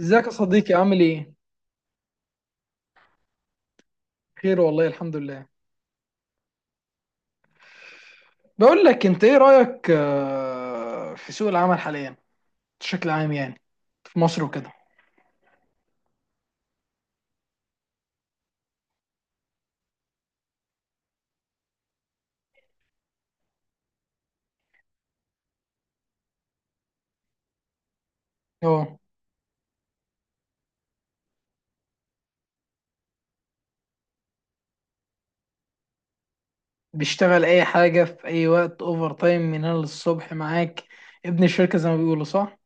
ازيك يا صديقي عامل ايه؟ خير والله الحمد لله. بقول لك انت ايه رأيك، في سوق العمل حاليا بشكل عام، يعني في مصر وكده؟ اه، بيشتغل اي حاجة في اي وقت، اوفر تايم من هنا للصبح معاك، ابن الشركة زي ما بيقولوا، صح؟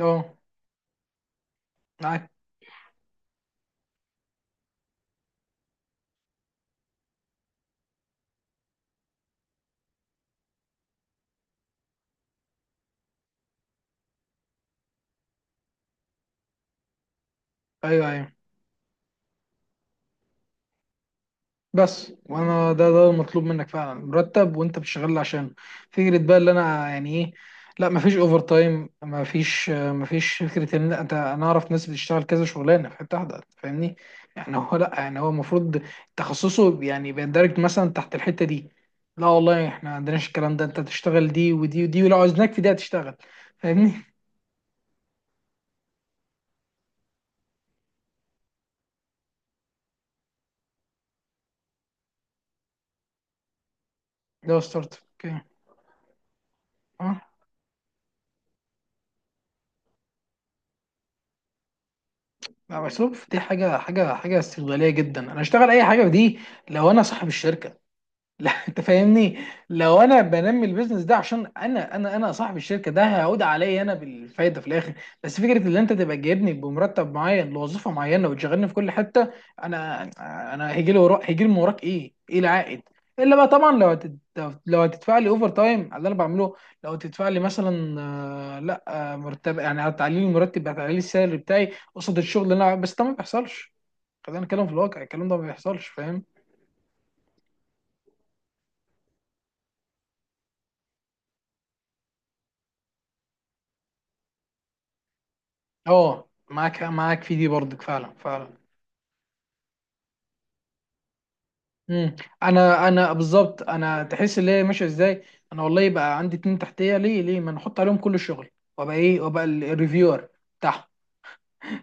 اه، معاك. ايوه، ايوه. بس وانا ده المطلوب منك فعلا، مرتب وانت بتشتغل عشان، فكره بقى اللي انا يعني ايه. لا، مفيش اوفر تايم، مفيش فكره ان انت، انا اعرف ناس بتشتغل كذا شغلانه في حته واحده، فاهمني؟ يعني هو، لا يعني هو المفروض تخصصه يعني بيندرج مثلا تحت الحته دي. لا والله، احنا ما عندناش الكلام ده، انت تشتغل دي ودي ودي، ولو عاوزناك في دي هتشتغل، فاهمني؟ ده هو ستارت اب. اوكي. اه. لا بس شوف، دي حاجه استغلاليه جدا، انا اشتغل اي حاجه في دي لو انا صاحب الشركه. لا انت فاهمني، لو انا بنمي البيزنس ده عشان انا صاحب الشركه، ده هيعود عليا انا بالفايده في الاخر. بس فكره ان انت تبقى جايبني بمرتب معين لوظيفه معينه وتشغلني في كل حته، انا انا هيجي لي وراك، هيجي لي من وراك ايه، ايه العائد؟ الا بقى طبعا لو هتدفع لي اوفر تايم على اللي انا بعمله، لو هتدفع لي مثلا، لا مرتب، يعني هتعلي لي المرتب، هتعلي لي السالري بتاعي قصاد الشغل اللي انا، بس ده ما بيحصلش. خلينا نتكلم في الواقع، الكلام ده ما بيحصلش. اه معاك، معاك في دي برضك، فعلا فعلا. امم. انا انا بالظبط، انا تحس اللي هي ماشيه ازاي، انا والله يبقى عندي اتنين تحتيه، ليه ما نحط عليهم كل الشغل؟ وابقى ايه، وابقى الريفيور بتاعهم،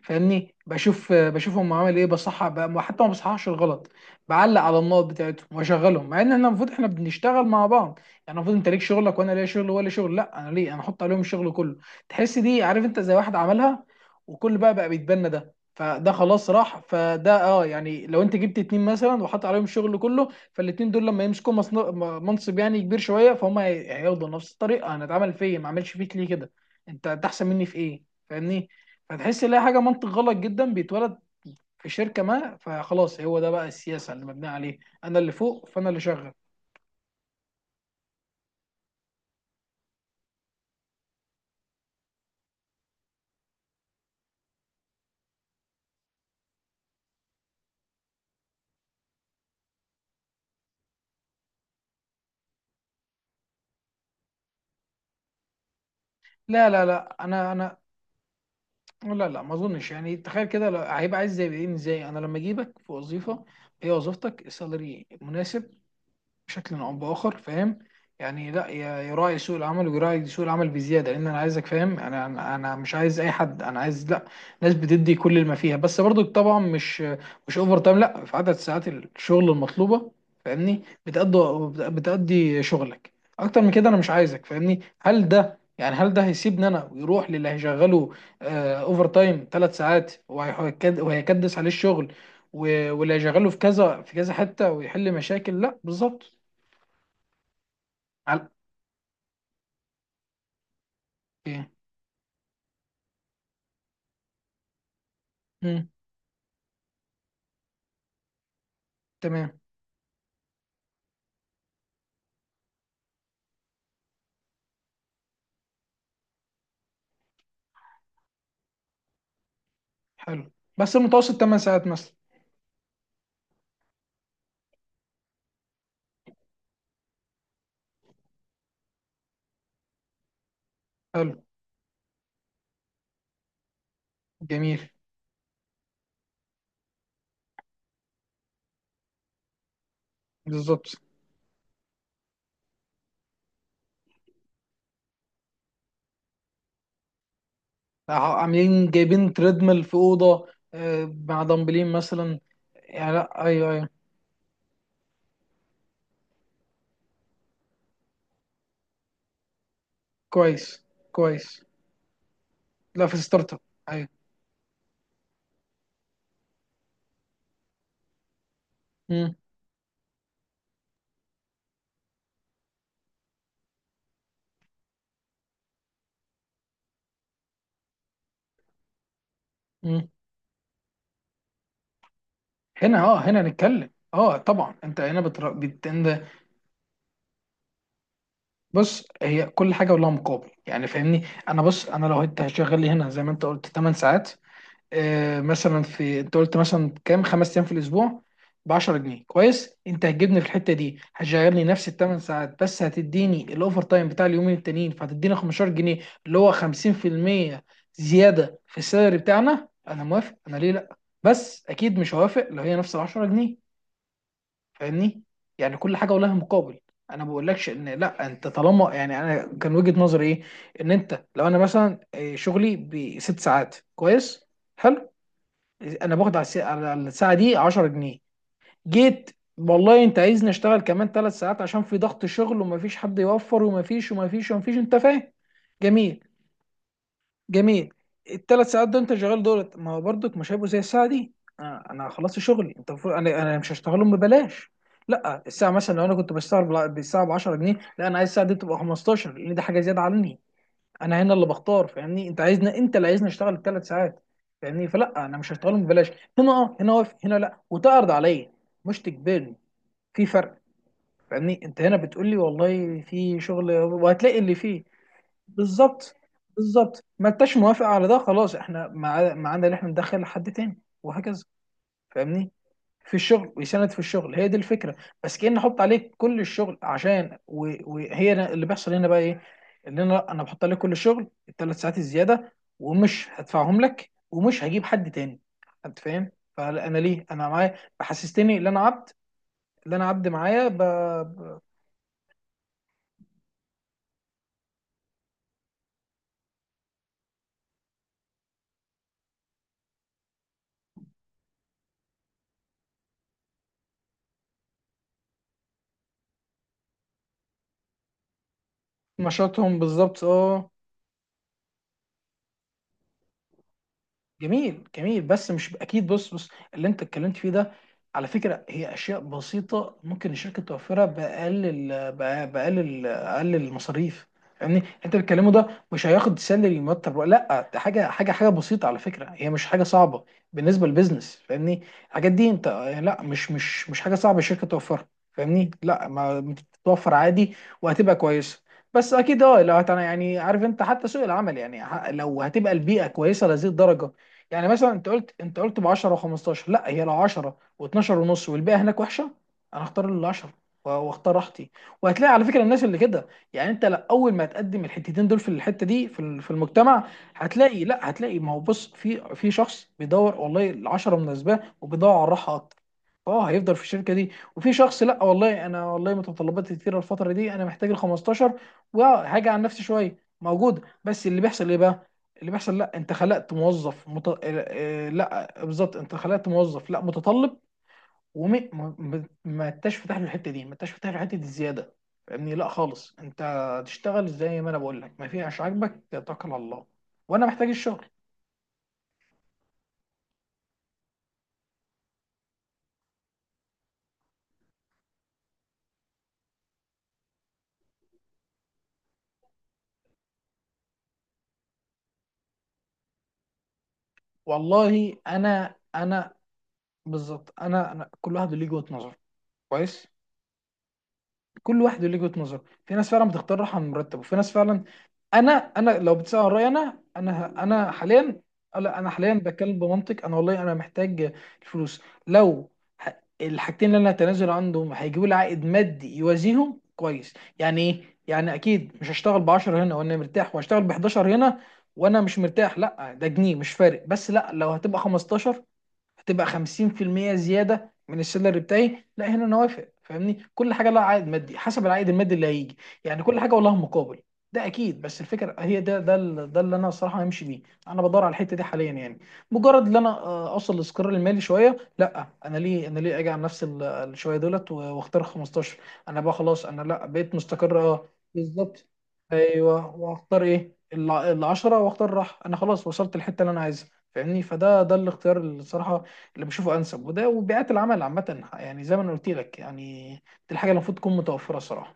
فاهمني؟ بشوف بشوفهم عامل ايه، بصحح بقى، حتى ما بصححش الغلط، بعلق على النقط بتاعتهم واشغلهم، مع ان احنا المفروض احنا بنشتغل مع بعض. يعني المفروض انت ليك شغلك وانا ليا شغل ولا شغل. لا انا ليه انا احط عليهم الشغل كله؟ تحس دي، عارف انت، زي واحد عملها، وكل بقى بيتبنى، ده فده خلاص راح فده. اه يعني لو انت جبت اتنين مثلا وحط عليهم الشغل كله، فالاتنين دول لما يمسكوا منصب يعني كبير شويه، فهم هياخدوا نفس الطريقه، انا اتعمل فيا، ما عملش فيك ليه كده؟ انت، انت احسن مني في ايه؟ فاهمني؟ فتحس ان هي حاجه منطق غلط جدا بيتولد في شركه ما، فخلاص هو ده بقى السياسه اللي مبنيه عليه، انا اللي فوق فانا اللي شغال. لا لا لا، انا، لا لا، ما اظنش. يعني تخيل كده، هيبقى عايز زي ايه، ازاي انا لما اجيبك في وظيفه، هي وظيفتك، السالري مناسب بشكل او باخر، فاهم؟ يعني لا يراعي سوق العمل، ويراعي سوق العمل بزياده، لان انا عايزك، فاهم؟ انا مش عايز اي حد، انا عايز لا، ناس بتدي كل ما فيها، بس برضو طبعا مش، اوفر تايم، لا في عدد ساعات الشغل المطلوبه فاهمني، بتأدي شغلك، اكتر من كده انا مش عايزك فاهمني. هل ده يعني، هل ده هيسيبني انا ويروح للي هيشغله اوفر تايم ثلاث ساعات، وهيكد- وهيكدس عليه الشغل، واللي هيشغله في كذا في كذا حته ويحل مشاكل؟ لا بالظبط. على ايه؟ مم. تمام. حلو بس المتوسط 8 ساعات مثلا. حلو، جميل، بالظبط. عاملين جايبين تريدميل في اوضه، مع دمبلين مثلا. يعني لا، ايوه ايوه، كويس كويس. لا في ستارت اب. ايوه. مم. مم. هنا اه، هنا نتكلم اه طبعا. انت هنا انت. بص، هي كل حاجه ولها مقابل يعني فاهمني. انا بص، انا لو انت هتشغل لي هنا زي ما انت قلت 8 ساعات، مثلا في انت قلت مثلا كام، خمس ايام في الاسبوع ب 10 جنيه، كويس. انت هتجيبني في الحته دي هتشغلني نفس الثمان ساعات، بس هتديني الاوفر تايم بتاع اليومين التانيين، فهتديني 15 جنيه، اللي هو 50% زياده في السالري بتاعنا. انا موافق، انا ليه لا؟ بس اكيد مش هوافق لو هي نفس ال 10 جنيه، فاهمني؟ يعني كل حاجه ولها مقابل. انا ما بقولكش ان لا انت طالما، يعني انا كان وجهه نظري ايه، ان انت لو انا مثلا شغلي بست ساعات كويس حلو، انا باخد على على الساعه دي 10 جنيه. جيت، والله انت عايزني اشتغل كمان ثلاث ساعات عشان في ضغط شغل، ومفيش حد يوفر، ومفيش، انت فاهم؟ جميل، جميل. الثلاث ساعات دول انت شغال دولت، ما هو برضك مش هيبقوا زي الساعه دي. انا، أنا خلصت شغلي، انت المفروض، انا مش هشتغلهم ببلاش. لا الساعه مثلا، لو انا كنت بشتغل بالساعه ب 10 جنيه، لا انا عايز الساعه دي تبقى 15، لان دي حاجه زياده عني. انا هنا اللي بختار فاهمني، انت عايزنا، انت اللي عايزني اشتغل الثلاث ساعات فاهمني، فلا انا مش هشتغلهم ببلاش. هنا اه، هنا واقف، هنا لا، وتعرض عليا مش تجبرني، في فرق. فاهمني؟ انت هنا بتقول لي والله في شغل، وهتلاقي اللي فيه. بالظبط، بالظبط. ما انتش موافق على ده خلاص، احنا ما عندنا، اللي احنا ندخل حد تاني وهكذا فاهمني، في الشغل ويساند في الشغل، هي دي الفكره. بس كأن احط عليك كل الشغل عشان، اللي بيحصل هنا بقى ايه؟ ان انا بحط عليك كل الشغل الثلاث ساعات الزياده، ومش هدفعهم لك، ومش هجيب حد تاني، انت فاهم؟ فانا ليه انا معايا حسستني ان انا عبد، اللي انا عبد معايا نشاطهم بالظبط اه. جميل، جميل، بس مش اكيد. بص بص، اللي انت اتكلمت فيه ده، على فكره، هي اشياء بسيطه ممكن الشركه توفرها باقل باقل اقل المصاريف. يعني انت بتتكلمه ده مش هياخد سالري، مرتب ولا لا، ده حاجه بسيطه على فكره، هي مش حاجه صعبه بالنسبه للبيزنس فاهمني. الحاجات دي انت، لا مش مش حاجه صعبه الشركه توفرها فاهمني، لا ما بتتوفر عادي وهتبقى كويسه. بس اكيد اه يعني عارف انت حتى سوق العمل، يعني لو هتبقى البيئه كويسه لهذه الدرجه. يعني مثلا انت قلت، ب 10 و15، لا هي لو 10 و12 ونص والباقي هناك وحشه، انا هختار ال 10 واختار راحتي. وهتلاقي على فكره الناس اللي كده، يعني انت لا، اول ما تقدم الحتتين دول في الحته دي في في المجتمع، هتلاقي، لا هتلاقي. ما هو بص في، في شخص بيدور والله ال 10 مناسباه وبيدور على الراحه اكتر، اه هيفضل في الشركه دي. وفي شخص لا والله، انا والله متطلباتي كتيره الفتره دي، انا محتاج ال 15 وهاجي عن نفسي شويه، موجود، بس اللي بيحصل ايه بقى؟ اللي بيحصل لا انت خلقت موظف مت... آه، آه، لا بالظبط، انت خلقت موظف لا متطلب، وما ما ما انتش فاتح له الحته دي، ما انتش فاتح له حته الزياده فاهمني، لا خالص، انت تشتغل زي ما انا بقول لك ما فيهاش، عاجبك توكل على الله، وانا محتاج الشغل. والله انا انا بالظبط، انا كل واحد ليه وجهه نظر، كويس. كل واحد ليه وجهه نظر، في ناس فعلا بتختار راحه من مرتبه، وفي ناس فعلا. انا لو بتسال عن رايي، انا حاليا، لا انا حاليا بتكلم بمنطق، انا والله انا محتاج الفلوس، لو الحاجتين اللي انا هتنازل عنهم هيجيبوا لي عائد مادي يوازيهم كويس، يعني ايه يعني، اكيد مش هشتغل ب 10 هنا وانا مرتاح، وهشتغل ب 11 هنا وانا مش مرتاح، لا ده جنيه مش فارق. بس لا لو هتبقى 15 هتبقى 50% زياده من السالري بتاعي، لا هنا انا وافق فاهمني، كل حاجه لها عائد مادي حسب العائد المادي اللي هيجي. يعني كل حاجه ولها مقابل ده اكيد. بس الفكره هي ده اللي انا الصراحه همشي بيه، انا بدور على الحته دي حاليا يعني، مجرد ان انا اوصل للاستقرار المالي شويه، لا انا ليه، انا ليه اجي على نفس الشويه دولت واختار 15، انا بقى خلاص انا، لا بقيت مستقر اه بالظبط. ايوه واختار ايه، ال 10 واختار راحه، انا خلاص وصلت الحته اللي انا عايزها فاهمني، فده ده الاختيار الصراحه اللي بشوفه انسب. وده وبيئات العمل عامه، يعني زي ما انا قلت لك يعني، دي الحاجه اللي المفروض تكون متوفره صراحه.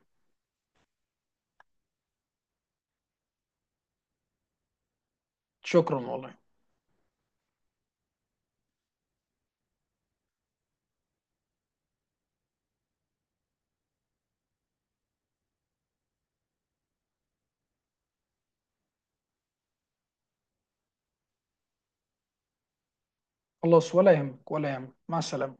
شكرا والله. خلاص ولا يهمك، ولا يهمك، مع السلامه.